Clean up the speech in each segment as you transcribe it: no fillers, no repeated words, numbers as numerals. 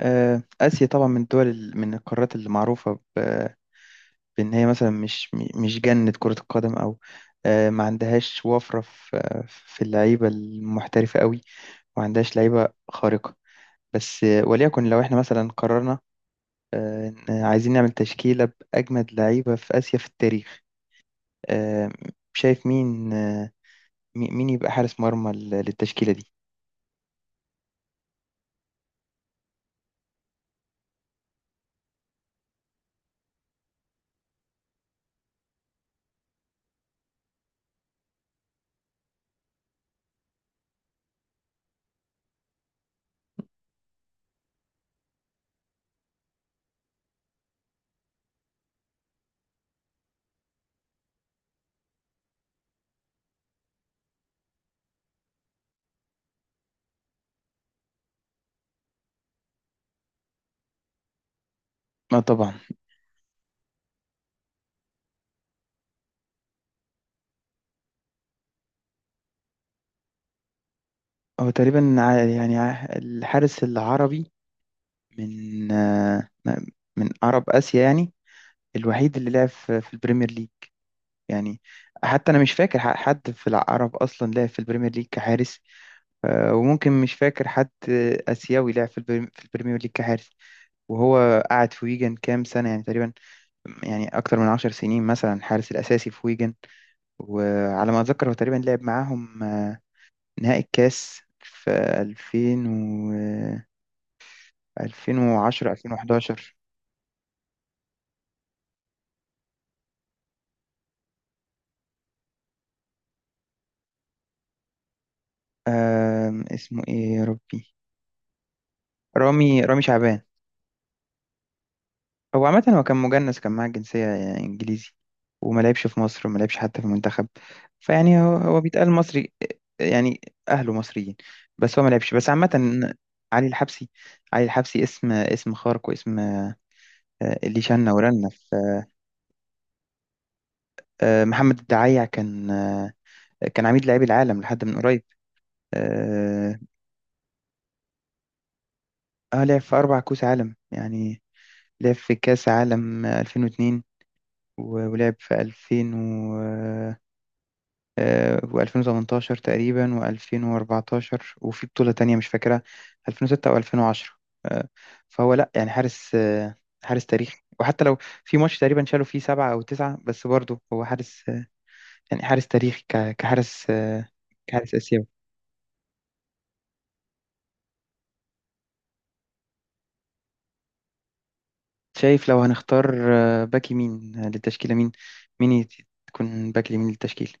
آسيا طبعا من الدول من القارات اللي معروفة بإن هي مثلا مش جنة كرة القدم أو ما عندهاش وفرة في اللعيبة المحترفة قوي، وما عندهاش لعيبة خارقة. بس وليكن لو احنا مثلا قررنا إن عايزين نعمل تشكيلة بأجمد لعيبة في آسيا في التاريخ، آه، شايف مين مين يبقى حارس مرمى للتشكيلة دي؟ اه، طبعا. هو تقريبا يعني الحارس العربي من آه، من عرب آسيا يعني، الوحيد اللي لعب في البريمير ليج. يعني حتى أنا مش فاكر حد في العرب أصلا لعب في البريمير ليج كحارس، وممكن مش فاكر حد آسيوي لعب في البريمير ليج كحارس. وهو قعد في ويجن كام سنة يعني، تقريبا يعني أكتر من 10 سنين مثلا حارس الأساسي في ويجن. وعلى ما أتذكر هو تقريبا لعب معاهم نهائي الكاس في 2000 و 2010 2011. اسمه ايه يا ربي؟ رامي شعبان. هو عامة هو كان مجنس، كان معاه الجنسية إنجليزي، وما لعبش في مصر وما لعبش حتى في المنتخب. فيعني هو بيتقال مصري يعني، أهله مصريين بس هو ما لعبش، بس عامة. علي الحبسي. اسم خارق واسم اللي شنا ورنا في. محمد الدعيع كان كان عميد لاعبي العالم لحد من قريب. اه. لعب في 4 كأس عالم يعني، لعب في كأس عالم 2002 و- ولعب في 2000، و2018 تقريبا و2014، وفي بطولة تانية مش فاكرها، 2006 او 2010. آه، فهو لا يعني حارس حارس تاريخي. وحتى لو في ماتش تقريبا شالوا فيه 7 او 9، بس برضه هو حارس يعني حارس تاريخي كحارس اسيوي. شايف لو هنختار باك يمين للتشكيلة، مين مين يت- تكون باك يمين للتشكيل؟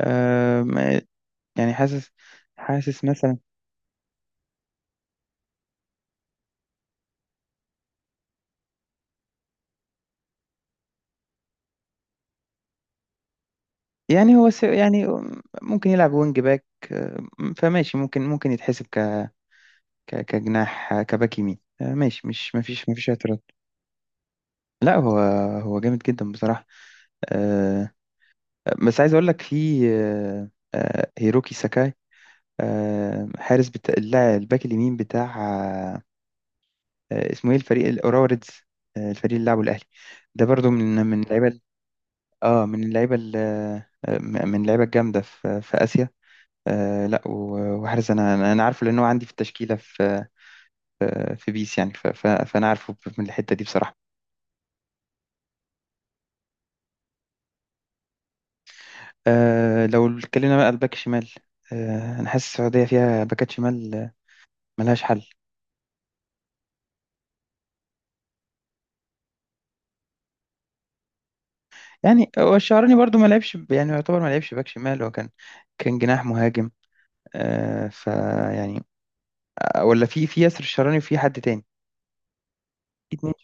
آه، ما- يعني حاسس، مثلا يعني يعني ممكن يلعب وينج باك، آه، فماشي، ممكن يتحسب كجناح، كباك يمين، ماشي، مش ما فيش اعتراض. لا، هو جامد جدا بصراحة. آه، بس عايز اقول لك في هيروكي ساكاي، حارس بتاع اللاعب الباك اليمين بتاع اسمه ايه، الفريق الاوراوا ريدز، الفريق اللي لعبه الاهلي. ده برضو من اللعيبه ال- اه من اللعيبه ال- آه، من اللعيبه الجامده في اسيا. لا، و- وحارس انا أنا عارفه لان هو عندي في التشكيله في بيس، يعني ف- ف- فانا عارفه من الحته دي بصراحه. لو اتكلمنا بقى على الباك الشمال، انا حاسس السعوديه فيها باكات شمال ملهاش حل. يعني هو الشعراني برضو ما لعبش يعني يعتبر ما لعبش باك شمال، هو كان جناح مهاجم آه ف يعني، ولا في ياسر الشعراني وفي حد تاني، في اتنين.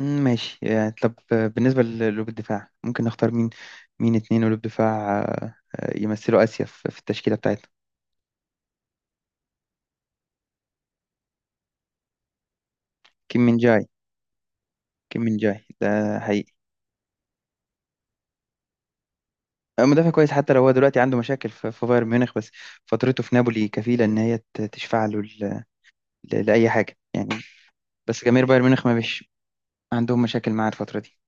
ماشي يعني، طب بالنسبة لقلوب الدفاع ممكن نختار مين؟ اتنين قلوب دفاع يمثلوا آسيا في التشكيلة بتاعتنا. كيم من جاي كيم من جاي ده حقيقي، مدافع كويس، حتى لو هو دلوقتي عنده مشاكل في بايرن ميونخ، بس فترته في نابولي كفيلة إن هي تشفع له ل- ل- لأي حاجة يعني. بس جماهير بايرن ميونخ ما بيش عندهم مشاكل معاه الفترة دي.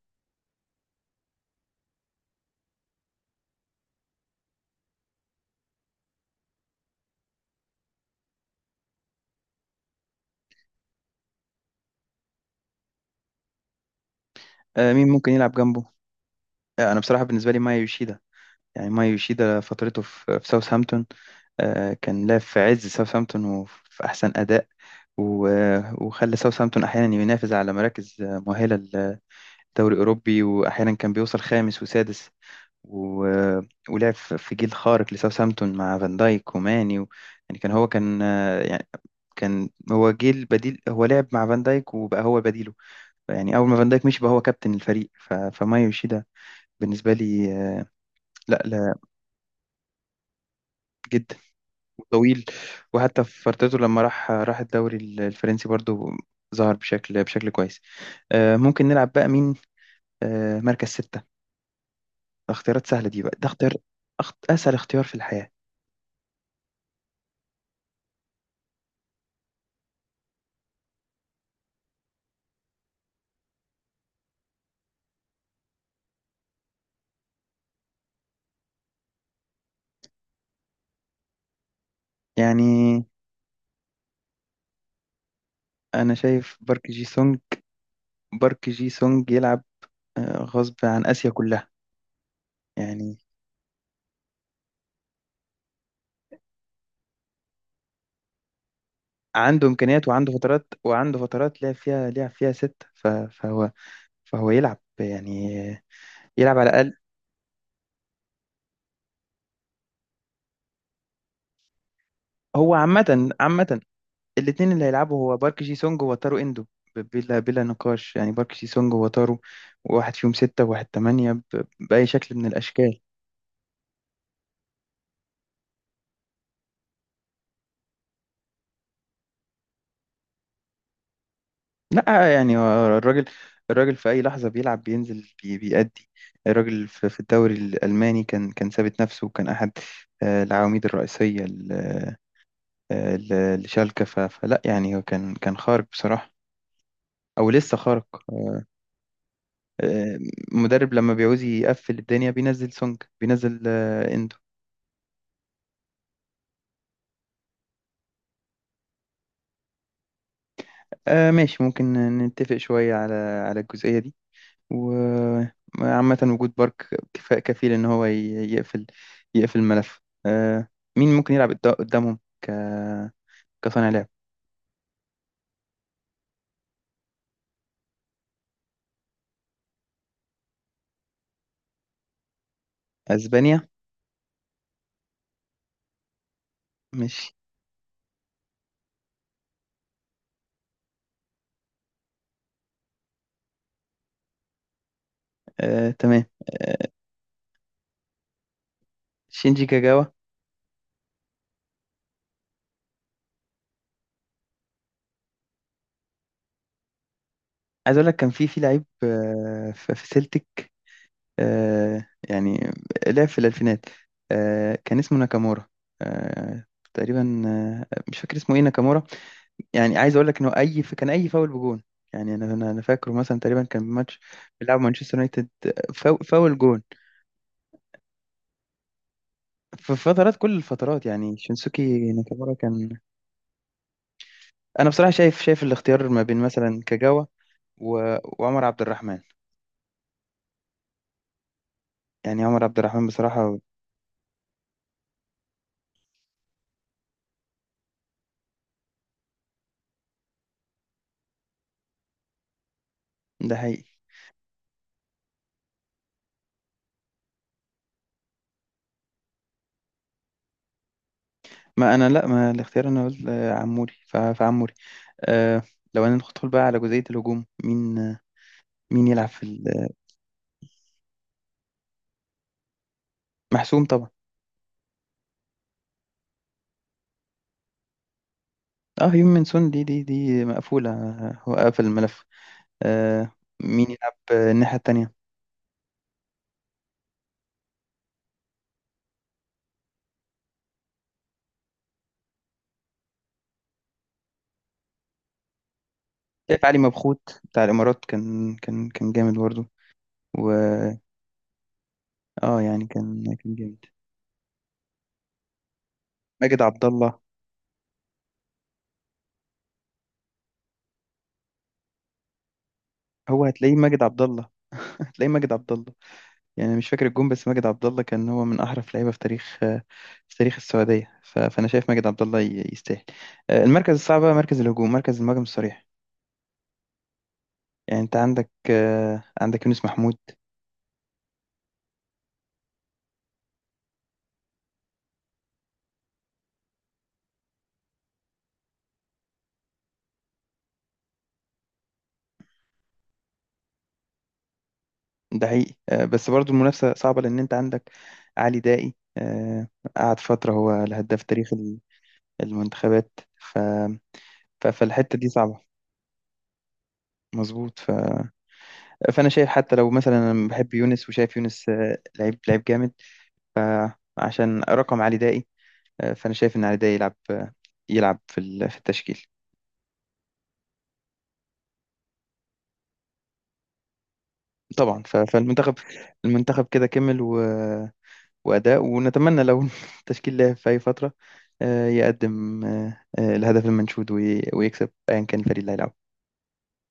مين ممكن يلعب جنبه؟ أنا بصراحة بالنسبة لي مايا يوشيدا. يعني مايا يوشيدا فترته في ساوثهامبتون، كان لاعب في عز ساوثهامبتون وفي أحسن أداء، و- وخلى ساوثهامبتون أحيانا ينافس على مراكز مؤهلة للدوري الأوروبي، وأحيانا كان بيوصل خامس وسادس، و- ولعب في جيل خارق لساوثهامبتون مع فان دايك وماني و... يعني يعني كان هو جيل بديل، هو لعب مع فان دايك وبقى هو بديله. يعني أول ما فان دايك مشي بقى هو كابتن الفريق، ف... فمايو يوشيدا بالنسبة لي لا، لا، جدا، طويل. وحتى في فترته لما راح الدوري الفرنسي برضو ظهر بشكل كويس. ممكن نلعب بقى مين مركز ستة؟ ده اختيارات سهلة دي، بقى ده اختيار أسهل اختيار في الحياة. يعني أنا شايف بارك جي سونج يلعب غصب عن آسيا كلها، يعني عنده إمكانيات وعنده فترات، لعب فيها، ستة، ف... فهو يلعب يعني يلعب على الأقل. هو عامة، الاتنين اللي هيلعبوا هو بارك جي سونج وتارو إندو، بلا نقاش يعني. بارك جي سونج وتارو، واحد فيهم ستة وواحد تمانية، ب... بأي شكل من الأشكال. لا يعني هو الراجل، في اي لحظه بيلعب بينزل بيأدي. الراجل في الدوري الالماني كان ثابت نفسه، وكان احد العواميد الرئيسيه ل- آه، ل- لشالكه، ف- فلا يعني هو كان خارق بصراحه، او لسه خارق. آه، مدرب لما بيعوز يقفل الدنيا بينزل سونج، بينزل اندو. ماشي، ممكن نتفق شويه على الجزئيه دي. وعامة وجود بارك كفاء كفيل إن هو يقفل يقفل الملف. آه، مين ممكن يلعب قدامهم ك... كصانع لعب؟ أسبانيا، ماشي. تمام. آه، شينجي كاجاوا. عايز أقول لك كان في لعيب في سيلتيك، يعني لعب في الألفينات، كان اسمه ناكامورا آه، تقريبا. مش فاكر اسمه إيه، ناكامورا. يعني عايز اقول لك انه اي، كان اي فاول بجون. يعني انا أنا فاكره مثلا تقريبا كان ماتش بيلعب مانشستر يونايتد، فاول جون. في فترات، كل الفترات يعني شينسوكي ناكامورا كان. انا بصراحه شايف، الاختيار ما بين مثلا كاجاوا و... وعمر عبد الرحمن، يعني عمر عبد الرحمن بصراحه. ده حقيقي. ما انا لا، ما الاختيار انا قلت عموري، ف... فعموري. أه. لو انا ندخل بقى على جزئيه الهجوم، مين مين يلعب في محسوم طبعا. اه، هيومن سون دي، مقفوله، هو قفل الملف. آه مين يلعب الناحية التانية؟ شايف علي مبخوت بتاع الإمارات، كان جامد برضه. و اه، يعني كان جامد. ماجد عبد الله. هو هتلاقيه ماجد عبد الله، هتلاقيه ماجد عبد الله. يعني مش فاكر الجون، بس ماجد عبد الله كان هو من أحرف لعيبة في تاريخ في تاريخ السعودية، ف... فأنا شايف ماجد عبد الله يستاهل. المركز الصعب بقى مركز الهجوم، مركز المهاجم الصريح. يعني أنت عندك عندك يونس محمود. ده حقيقي، بس برضو المنافسة صعبة، لأن أنت عندك علي دائي قعد فترة هو الهداف تاريخ المنتخبات، ف... ف- فالحتة دي صعبة. مظبوط، ف... فأنا شايف، حتى لو مثلا أنا بحب يونس وشايف يونس لعيب جامد، عشان رقم علي دائي، فأنا شايف إن علي دائي يلعب يلعب في التشكيل. طبعا، ف... فالمنتخب كده كمل و... وأداء، ونتمنى لو التشكيل لعب في أي فترة يقدم الهدف المنشود وي- ويكسب أيا كان الفريق اللي هيلعب.